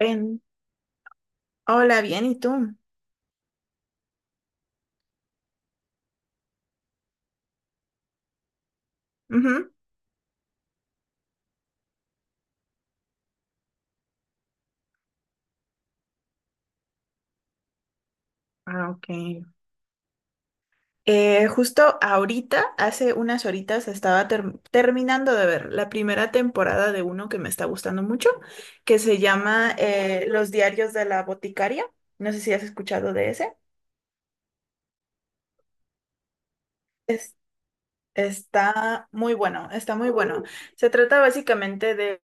Ven. Hola, bien, ¿y tú? Ujú. Ah, ok. Justo ahorita, hace unas horitas, estaba terminando de ver la primera temporada de uno que me está gustando mucho, que se llama Los Diarios de la Boticaria. No sé si has escuchado de ese. Es- Está muy bueno, está muy bueno. Se trata básicamente de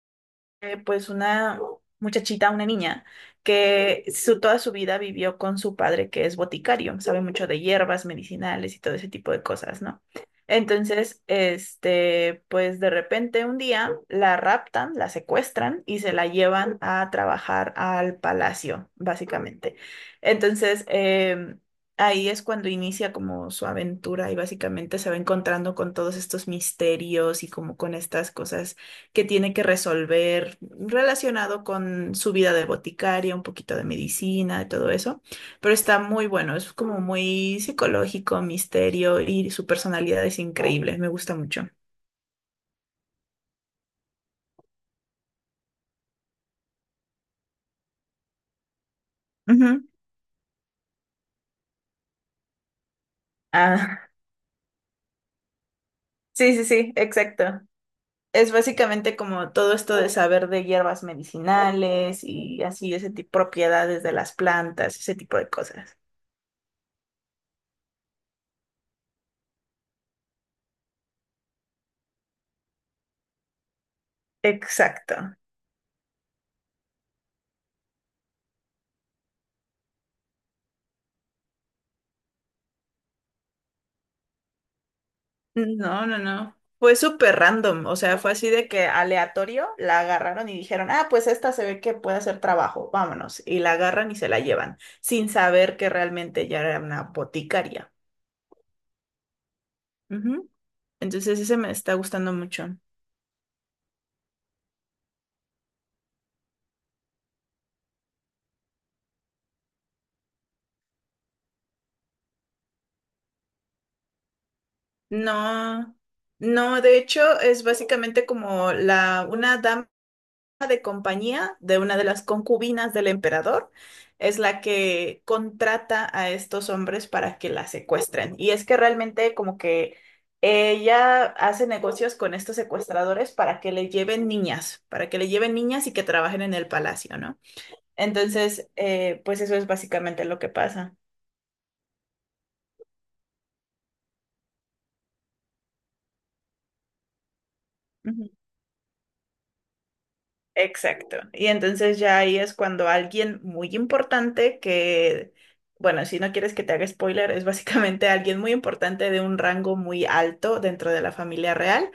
pues una muchachita, una niña, que su, toda su vida vivió con su padre, que es boticario, sabe mucho de hierbas medicinales y todo ese tipo de cosas, ¿no? Entonces, este, pues de repente un día la raptan, la secuestran y se la llevan a trabajar al palacio, básicamente. Entonces, ahí es cuando inicia como su aventura y básicamente se va encontrando con todos estos misterios y como con estas cosas que tiene que resolver relacionado con su vida de boticaria, un poquito de medicina, de todo eso. Pero está muy bueno, es como muy psicológico, misterio y su personalidad es increíble, me gusta mucho. Ujú. Ah, sí, sí, sí, exacto. Es básicamente como todo esto de saber de hierbas medicinales y así ese tipo propiedades de las plantas, ese tipo de cosas. Exacto. No, no, no. Fue súper random, o sea, fue así de que aleatorio la agarraron y dijeron, ah, pues esta se ve que puede hacer trabajo, vámonos. Y la agarran y se la llevan, sin saber que realmente ya era una boticaria. Ujú. Entonces ese me está gustando mucho. No, no, de hecho es básicamente como la, una dama de compañía de una de las concubinas del emperador, es la que contrata a estos hombres para que la secuestren. Y es que realmente como que ella hace negocios con estos secuestradores para que le lleven niñas, para que le lleven niñas y que trabajen en el palacio, ¿no? Entonces, pues eso es básicamente lo que pasa. Exacto. Y entonces ya ahí es cuando alguien muy importante que, bueno, si no quieres que te haga spoiler, es básicamente alguien muy importante de un rango muy alto dentro de la familia real,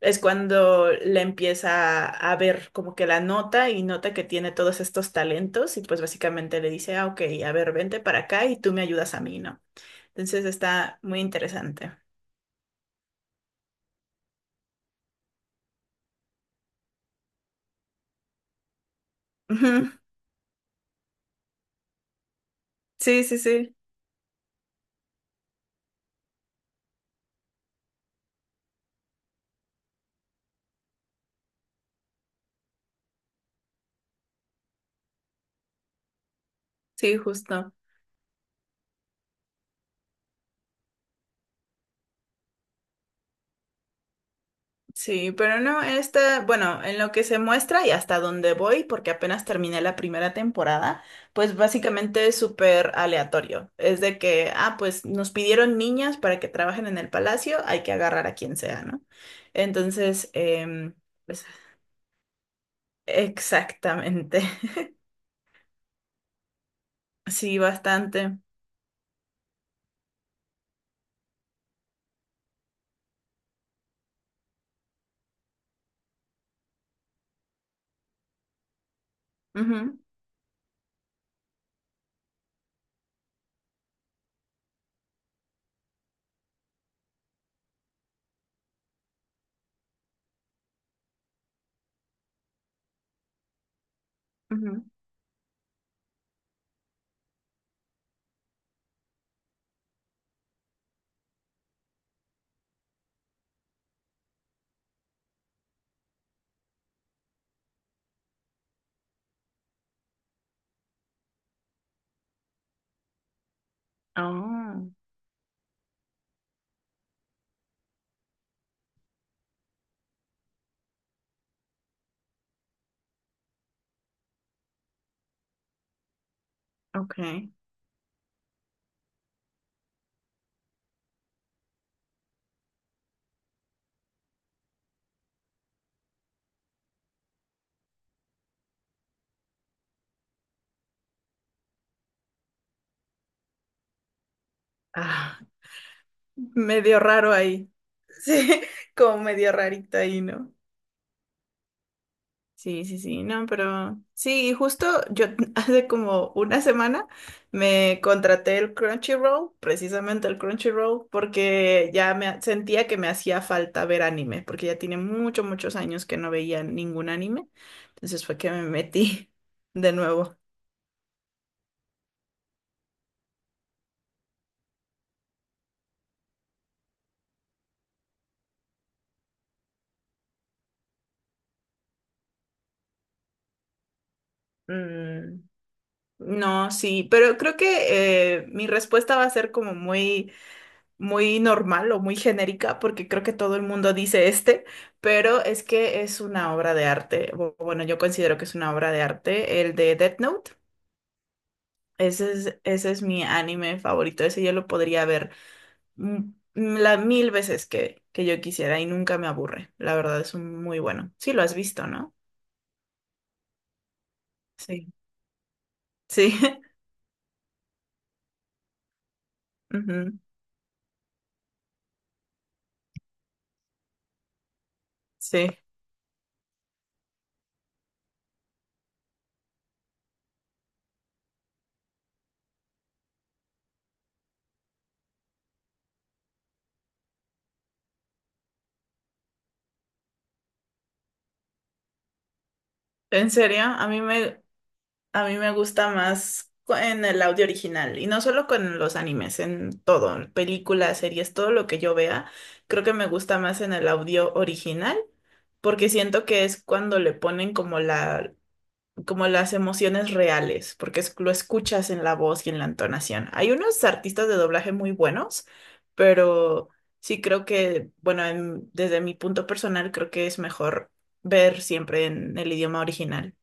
es cuando le empieza a ver como que la nota y nota que tiene todos estos talentos y pues básicamente le dice, ah, ok, a ver, vente para acá y tú me ayudas a mí, ¿no? Entonces está muy interesante. Ujú. Sí, sí, sí, sí, justo. Sí, pero no, esta, bueno, en lo que se muestra y hasta donde voy, porque apenas terminé la primera temporada, pues básicamente es súper aleatorio. Es de que, ah, pues nos pidieron niñas para que trabajen en el palacio, hay que agarrar a quien sea, ¿no? Entonces, pues, exactamente. Sí, bastante. Ujú, ujú. Oh, ok. Ah, medio raro ahí. Sí, como medio rarito ahí, ¿no? Sí, sí, sí, no, pero sí, y justo yo hace como una semana me contraté el Crunchyroll, precisamente el Crunchyroll, porque ya me sentía que me hacía falta ver anime, porque ya tiene muchos, muchos años que no veía ningún anime, entonces fue que me metí de nuevo. Mm, no, sí, pero creo que mi respuesta va a ser como muy muy normal o muy genérica, porque creo que todo el mundo dice este, pero es que es una obra de arte. Bueno, yo considero que es una obra de arte, el de Death Note. Ese es mi anime favorito. Ese yo lo podría ver mm, la mil veces que yo quisiera y nunca me aburre. La verdad es un muy bueno. Sí, lo has visto, ¿no? Sí. Sí. Ujú. Sí. ¿En serio? A mí me gusta más en el audio original y no solo con los animes, en todo, películas, series, todo lo que yo vea, creo que me gusta más en el audio original porque siento que es cuando le ponen como la, como las emociones reales, porque lo escuchas en la voz y en la entonación. Hay unos artistas de doblaje muy buenos, pero sí creo que, bueno, desde mi punto personal creo que es mejor ver siempre en el idioma original.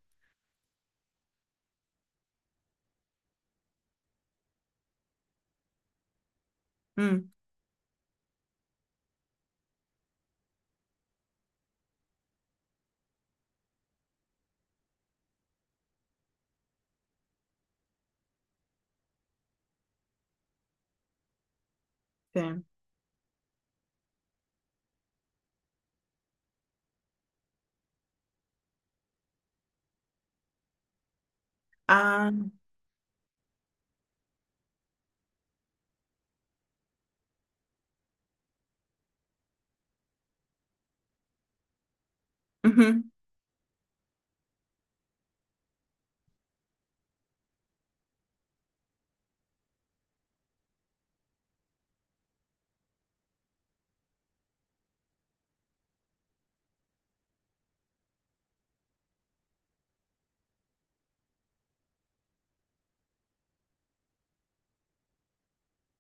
Mm, sí. Ah. Ujú.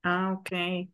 Ah, ok.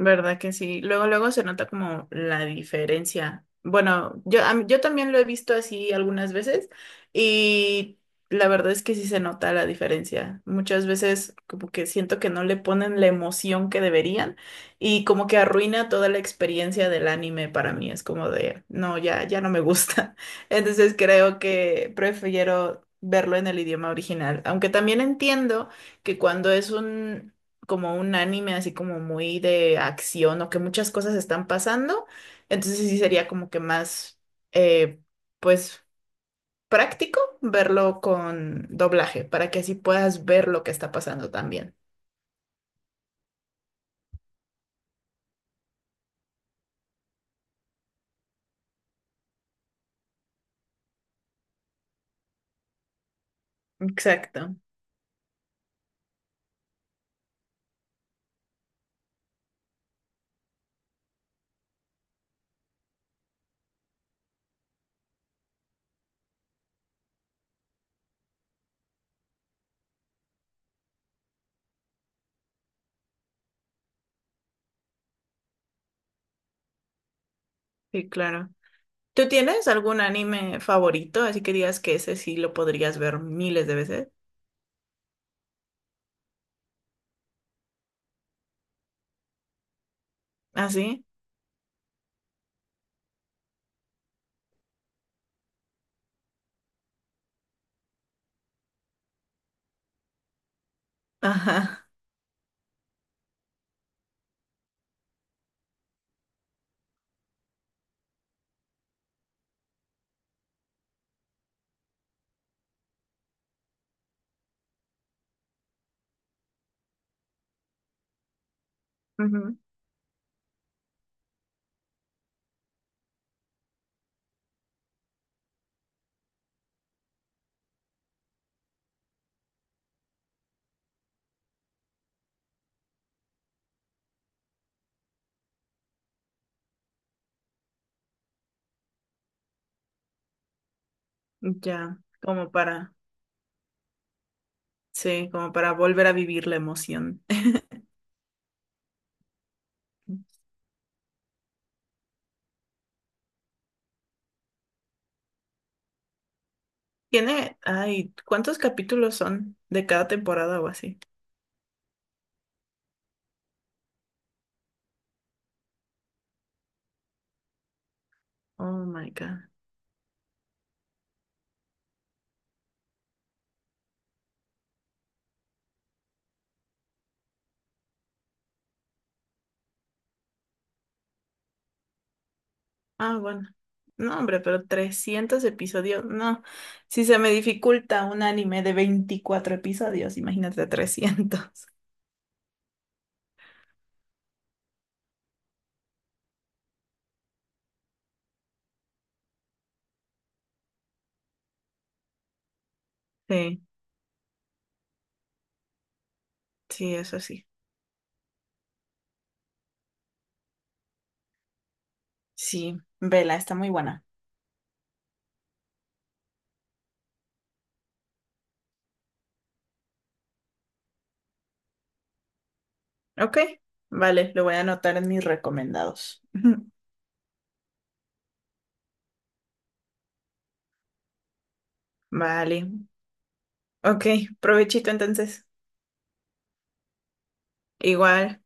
¿Verdad que sí? Luego, luego se nota como la diferencia. Bueno, yo, yo también lo he visto así algunas veces y la verdad es que sí se nota la diferencia. Muchas veces como que siento que no le ponen la emoción que deberían y como que arruina toda la experiencia del anime para mí. Es como de, no, ya, ya no me gusta. Entonces creo que prefiero verlo en el idioma original, aunque también entiendo que cuando es un como un anime así como muy de acción o que muchas cosas están pasando, entonces sí sería como que más, eh, pues, práctico verlo con doblaje para que así puedas ver lo que está pasando también. Exacto, sí, claro. ¿Tú tienes algún anime favorito? Así que digas que ese sí lo podrías ver miles de veces. ¿Ah, sí? Ajá. Ujú. Ya, como para, sí, como para volver a vivir la emoción. Tiene, ay, ¿cuántos capítulos son de cada temporada o así? Oh my God. Ah, bueno. No, hombre, pero 300 episodios. No, si se me dificulta un anime de 24 episodios, imagínate 300 Sí, sí, eso sí. Sí, vela, está muy buena. Ok, vale, lo voy a anotar en mis recomendados. Vale. Ok, provechito entonces. Igual.